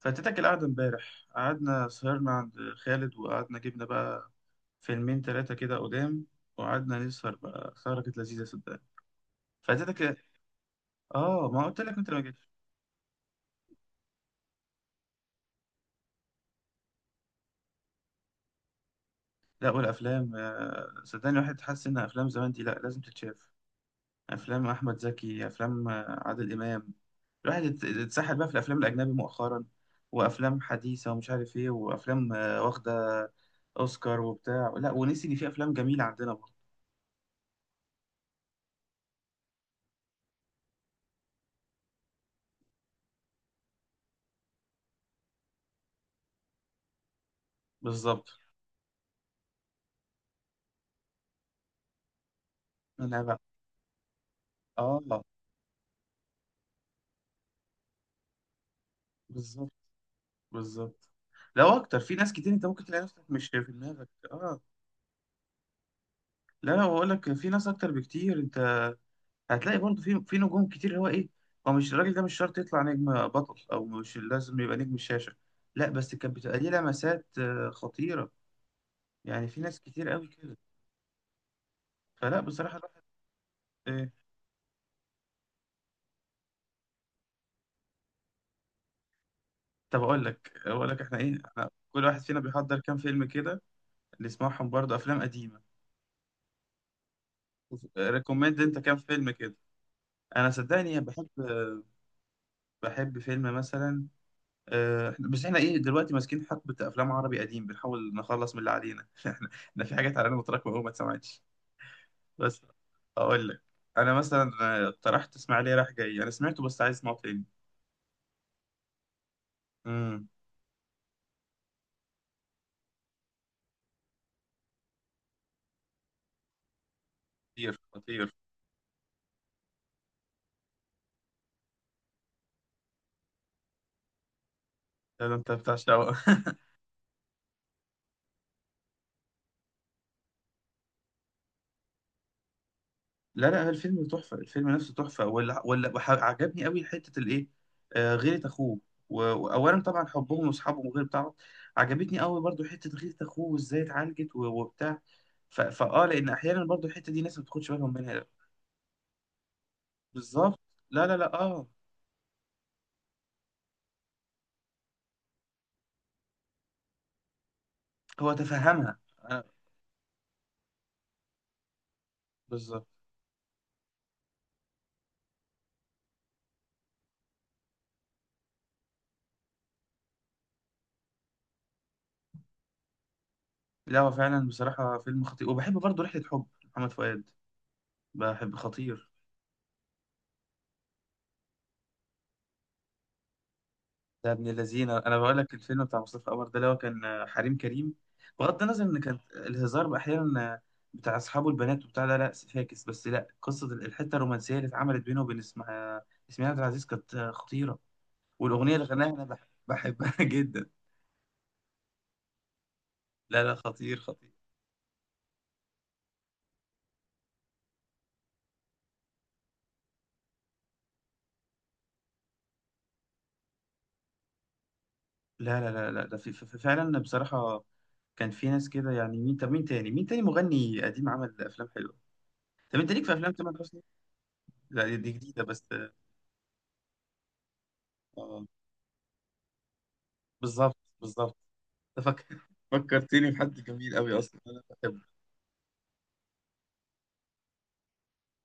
فاتتك القعدة امبارح، قعدنا سهرنا عند خالد وقعدنا جبنا بقى فيلمين تلاتة كده قدام. وقعدنا نسهر بقى، سهرة كانت لذيذة صدقني. فاتتك، اه ما قلت لك انت ما جيتش. لا والافلام، صدقني الواحد حاسس ان افلام زمان دي، لا لازم تتشاف. افلام احمد زكي، افلام عادل امام. الواحد اتسحل بقى في الافلام الاجنبي مؤخرا. وافلام حديثة ومش عارف ايه، وافلام واخدة اوسكار وبتاع، لا ونسي ان في افلام جميلة عندنا برضه. بالظبط. انا بقى. اه. بالظبط. بالظبط. لو اكتر في ناس كتير، انت ممكن تلاقي نفسك مش في دماغك، اه. لا، لا، بقول لك في ناس اكتر بكتير انت. هتلاقي برضه في نجوم كتير اللي هو ايه. هو مش الراجل ده مش شرط يطلع نجم بطل، او مش لازم يبقى نجم الشاشه. لا بس كانت بتبقى ليه لمسات خطيره. يعني في ناس كتير قوي كده. فلا بصراحه الواحد. إيه. طب اقول لك احنا ايه، احنا كل واحد فينا بيحضر كام فيلم كده. نسمعهم برضه افلام قديمه. ريكومند انت كام فيلم كده. انا صدقني بحب فيلم مثلا. بس احنا ايه دلوقتي، ماسكين حقبة افلام عربي قديم بنحاول نخلص من اللي علينا احنا. احنا في حاجات علينا متراكمة قوي ما اتسمعتش. بس. اقول لك. انا مثلا اقترحت اسماعيلية رايح جاي، انا سمعته بس عايز اسمعه تاني. امم. خطير، خطير. ده انت بتاع شقة لا، لا، الفيلم تحفة، الفيلم نفسه تحفة، عجبني قوي حتة الإيه. آه، غيرة أخوه. وأولا طبعا حبهم وأصحابهم وغير بتاعه. عجبتني قوي برضو حتة غيرة أخوه وإزاي اتعالجت وبتاع. ف- فأه لأن أحيانا برضو الحتة دي ناس ما بتاخدش بالهم منها. بالظبط. لا، لا، لا، أه. هو تفهمها. أنا. بالظبط. لا هو فعلا بصراحة فيلم خطير، وبحب برضو رحلة حب. محمد فؤاد. بحب خطير. ده ابن الذين، انا بقول لك الفيلم بتاع مصطفى قمر، ده اللي هو كان حريم كريم. بغض النظر ان كان الهزار احيانا بتاع اصحابه البنات وبتاع، لا، لا فاكس بس، لا قصه الحته الرومانسيه اللي اتعملت بينه وبين اسمها اسماعيل عبد العزيز، كانت خطيره. والاغنيه اللي غناها انا بحبها جدا. لا، لا، خطير، خطير. لا، لا، لا، لا، ده فعلا بصراحه. كان في ناس كده، يعني مين؟ طب مين تاني، مغني قديم عمل افلام حلوه؟ طب انت ليك في افلام تامر حسني؟ لا، دي جديده بس. آه، بالظبط، بالظبط. فك... فكرتني بحد جميل قوي اصلا انا بحبه.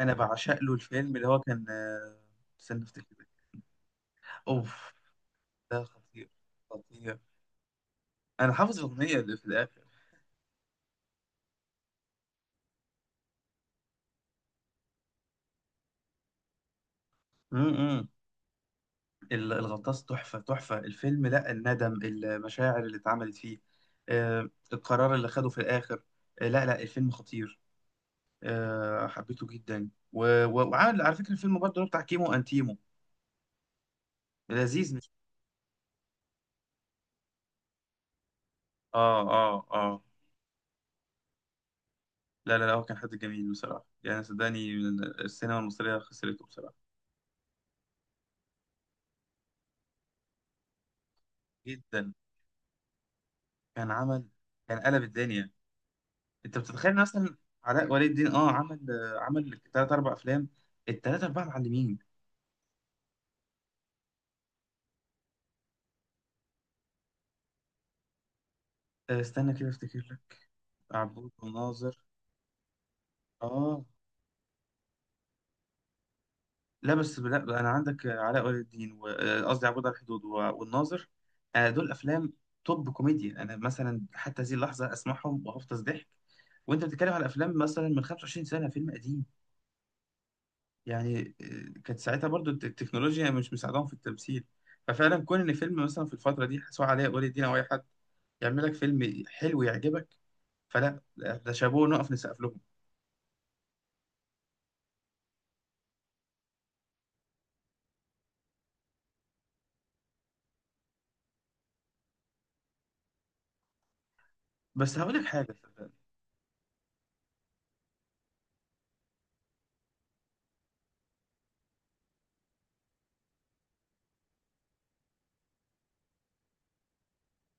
انا بعشق له الفيلم اللي هو كان استنى افتكر. اوف. ده خطير. خطير. انا حافظ الاغنيه اللي في الاخر. امم. الغطاس تحفه، تحفه الفيلم، لا الندم المشاعر اللي اتعملت فيه. القرار اللي خده في الاخر. لا، لا، الفيلم خطير. حبيته جدا وعامل على فكره الفيلم برضه اللي هو بتاع كيمو انتيمو. لذيذ مش. اه، اه، اه. لا، لا، لا، هو كان حد جميل بصراحة، يعني صدقني من السينما المصرية خسرته بصراحة. جدا. كان عمل. كان قلب الدنيا. انت بتتخيل مثلا. علاء ولي الدين عمل ثلاث اربع افلام. الثلاثة اربعة معلمين. استنى كده افتكر لك. عبود وناظر. اه. لا بس، لا بقى، انا عندك علاء ولي الدين قصدي عبود على الحدود والناظر. دول افلام توب كوميديا، انا مثلا حتى هذه اللحظة اسمعهم وهفطس ضحك. وانت بتتكلم على افلام مثلا من 25 سنة، فيلم قديم. يعني كانت ساعتها برضو التكنولوجيا مش مساعدهم في التمثيل. ففعلا كون ان فيلم مثلا في الفتره دي، سواء علاء ولي الدين او اي حد يعمل لك فيلم حلو يعجبك. فلا، ده شابوه نقف نسقف لهم. بس هقول لك حاجه صدقني.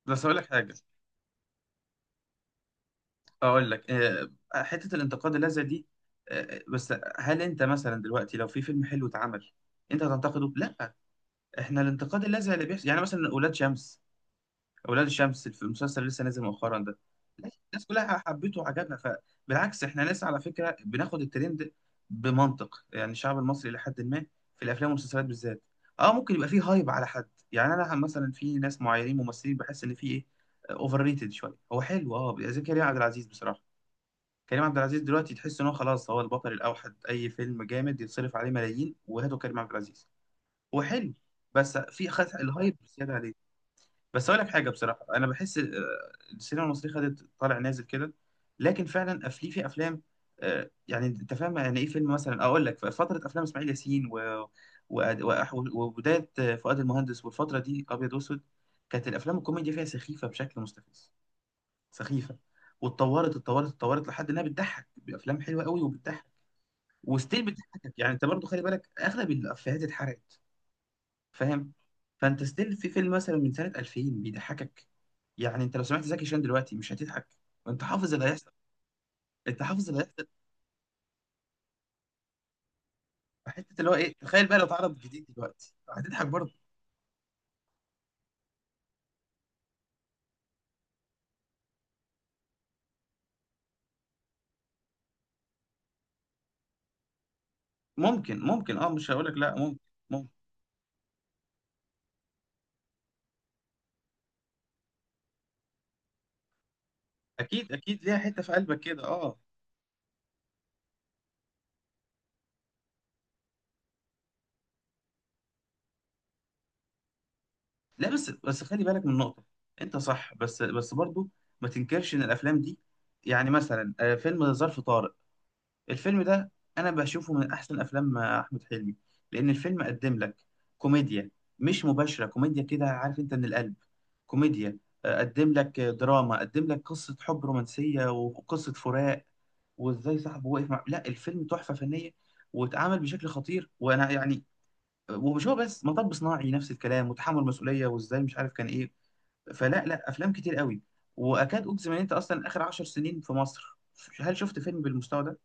بس هقول لك حاجه. اقول لك حته الانتقاد اللاذع دي، بس هل انت مثلا دلوقتي لو في فيلم حلو اتعمل انت هتنتقده؟ لا. احنا الانتقاد اللاذع اللي بيحصل يعني مثلا ولاد شمس، اولاد الشمس في المسلسل اللي لسه نازل مؤخرا ده، الناس كلها حبته وعجبها، فبالعكس احنا ناس على فكره بناخد الترند بمنطق، يعني الشعب المصري الى حد ما في الافلام والمسلسلات بالذات، اه ممكن يبقى فيه هايب على حد، يعني انا مثلا في ناس معينين ممثلين بحس ان في ايه، اوفر ريتد شويه. هو حلو اه، زي كريم عبد العزيز بصراحه. كريم عبد العزيز دلوقتي تحس ان هو خلاص هو البطل الاوحد، اي فيلم جامد يتصرف عليه ملايين وهاتوا كريم عبد العزيز. هو حلو، بس في خد الهايب زياده عليه. بس اقول لك حاجه بصراحه، انا بحس السينما المصريه خدت طالع نازل كده. لكن فعلا افلي في افلام، يعني انت فاهم يعني ايه فيلم مثلا، اقول لك في فتره افلام اسماعيل ياسين و... وبدايه فؤاد المهندس والفتره دي ابيض واسود، كانت الافلام الكوميديا فيها سخيفه بشكل مستفز. سخيفه. واتطورت، اتطورت، اتطورت لحد انها بتضحك بافلام حلوه قوي وبتضحك، وستيل بتضحكك. يعني انت برضو خلي بالك اغلب الافيهات اتحرقت، فاهم؟ فانت ستيل في فيلم مثلا من سنه 2000 بيضحكك. يعني انت لو سمعت زكي شان دلوقتي مش هتضحك، وانت حافظ اللي هيحصل. انت حافظ اللي هيحصل. في حته اللي هو ايه، تخيل بقى لو اتعرض جديد دلوقتي هتضحك برضه. ممكن، ممكن، اه مش هقول لك لا، ممكن، ممكن. اكيد، اكيد، ليها حته في قلبك كده، اه. لا بس، بس، خلي بالك من نقطه. انت صح، بس، بس، برضه ما تنكرش ان الافلام دي، يعني مثلا فيلم ظرف طارق، الفيلم ده، انا بشوفه من احسن افلام احمد حلمي. لان الفيلم قدم لك كوميديا، مش مباشره، كوميديا كده عارف انت من القلب، كوميديا. قدم لك دراما، قدم لك قصه حب رومانسيه وقصه فراق، وازاي صاحبه وقف مع، لا الفيلم تحفه فنيه، واتعمل بشكل خطير، وانا يعني. ومش هو بس، مطب صناعي نفس الكلام وتحمل مسؤوليه وازاي مش عارف كان ايه. فلا، لا، افلام كتير قوي. واكاد اجزم ان انت اصلا اخر 10 سنين في مصر، هل شفت فيلم بالمستوى ده؟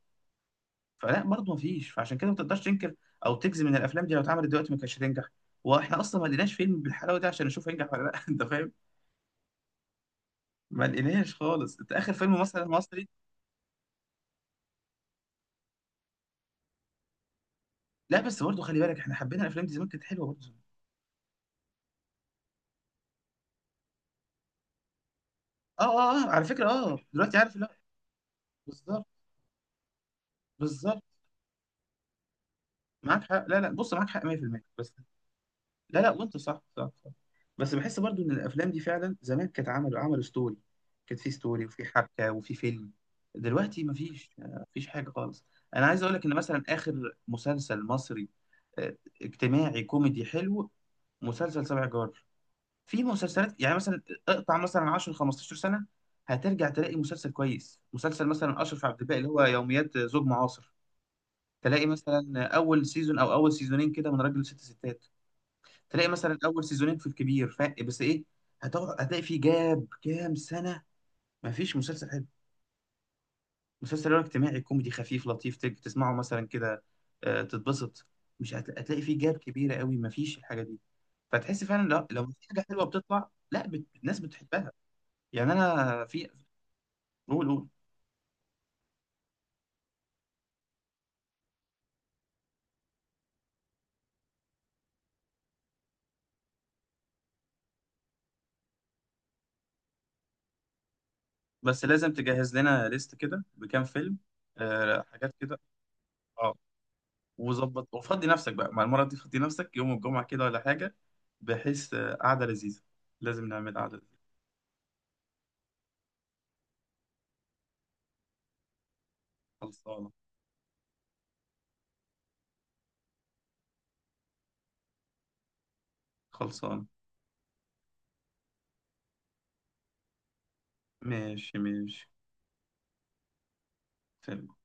فلا برضه ما فيش، فعشان كده ما تقدرش تنكر او تجزم ان الافلام دي لو اتعملت دلوقتي ما كانتش هتنجح. واحنا اصلا ما لقيناش فيلم بالحلاوه دي عشان نشوف هينجح ولا لا انت فاهم؟ ما لقيناش خالص، انت اخر فيلم مثلا مصري. لا بس برضه خلي بالك، احنا حبينا الافلام دي زمان كانت حلوه برضه. اه، اه، اه، على فكره اه دلوقتي عارف، لا. بالظبط، بالظبط. معاك حق، لا، لا، بص معاك حق 100% بس. لا، لا، وانت صح، صح، صح. بس بحس برضو ان الافلام دي فعلا زمان، كانت عملوا، عملوا ستوري. كانت في ستوري وفي حبكه وفي فيلم. دلوقتي مفيش، مفيش حاجه خالص. انا عايز اقول لك ان مثلا اخر مسلسل مصري اجتماعي كوميدي حلو، مسلسل سبع جار. في مسلسلات يعني مثلا اقطع مثلا 10 15 سنه، هترجع تلاقي مسلسل كويس، مسلسل مثلا اشرف عبد الباقي اللي هو يوميات زوج معاصر. تلاقي مثلا اول سيزون او اول سيزونين كده من راجل ست ستات. تلاقي مثلا اول سيزونين في الكبير، بس ايه، هتقعد هتلاقي في جاب كام سنه، ما فيش مسلسل حلو، مسلسل اللي هو اجتماعي كوميدي خفيف لطيف، تسمعه مثلا كده، تتبسط. مش هتلاقي في جاب كبيره قوي، ما فيش الحاجه دي. فتحس فعلا لو في حاجه حلوه بتطلع، لا الناس بتحبها. يعني انا في. قول، قول. بس لازم تجهز لنا ليست كده بكام فيلم. حاجات كده. آه، وظبط وفضي نفسك بقى مع المرة دي، فضي نفسك يوم الجمعة كده ولا حاجة، بحيث قعدة لذيذة. لازم نعمل قعدة لذيذة. خلصانة. خلصانة. ماشي، ماشي. سلام.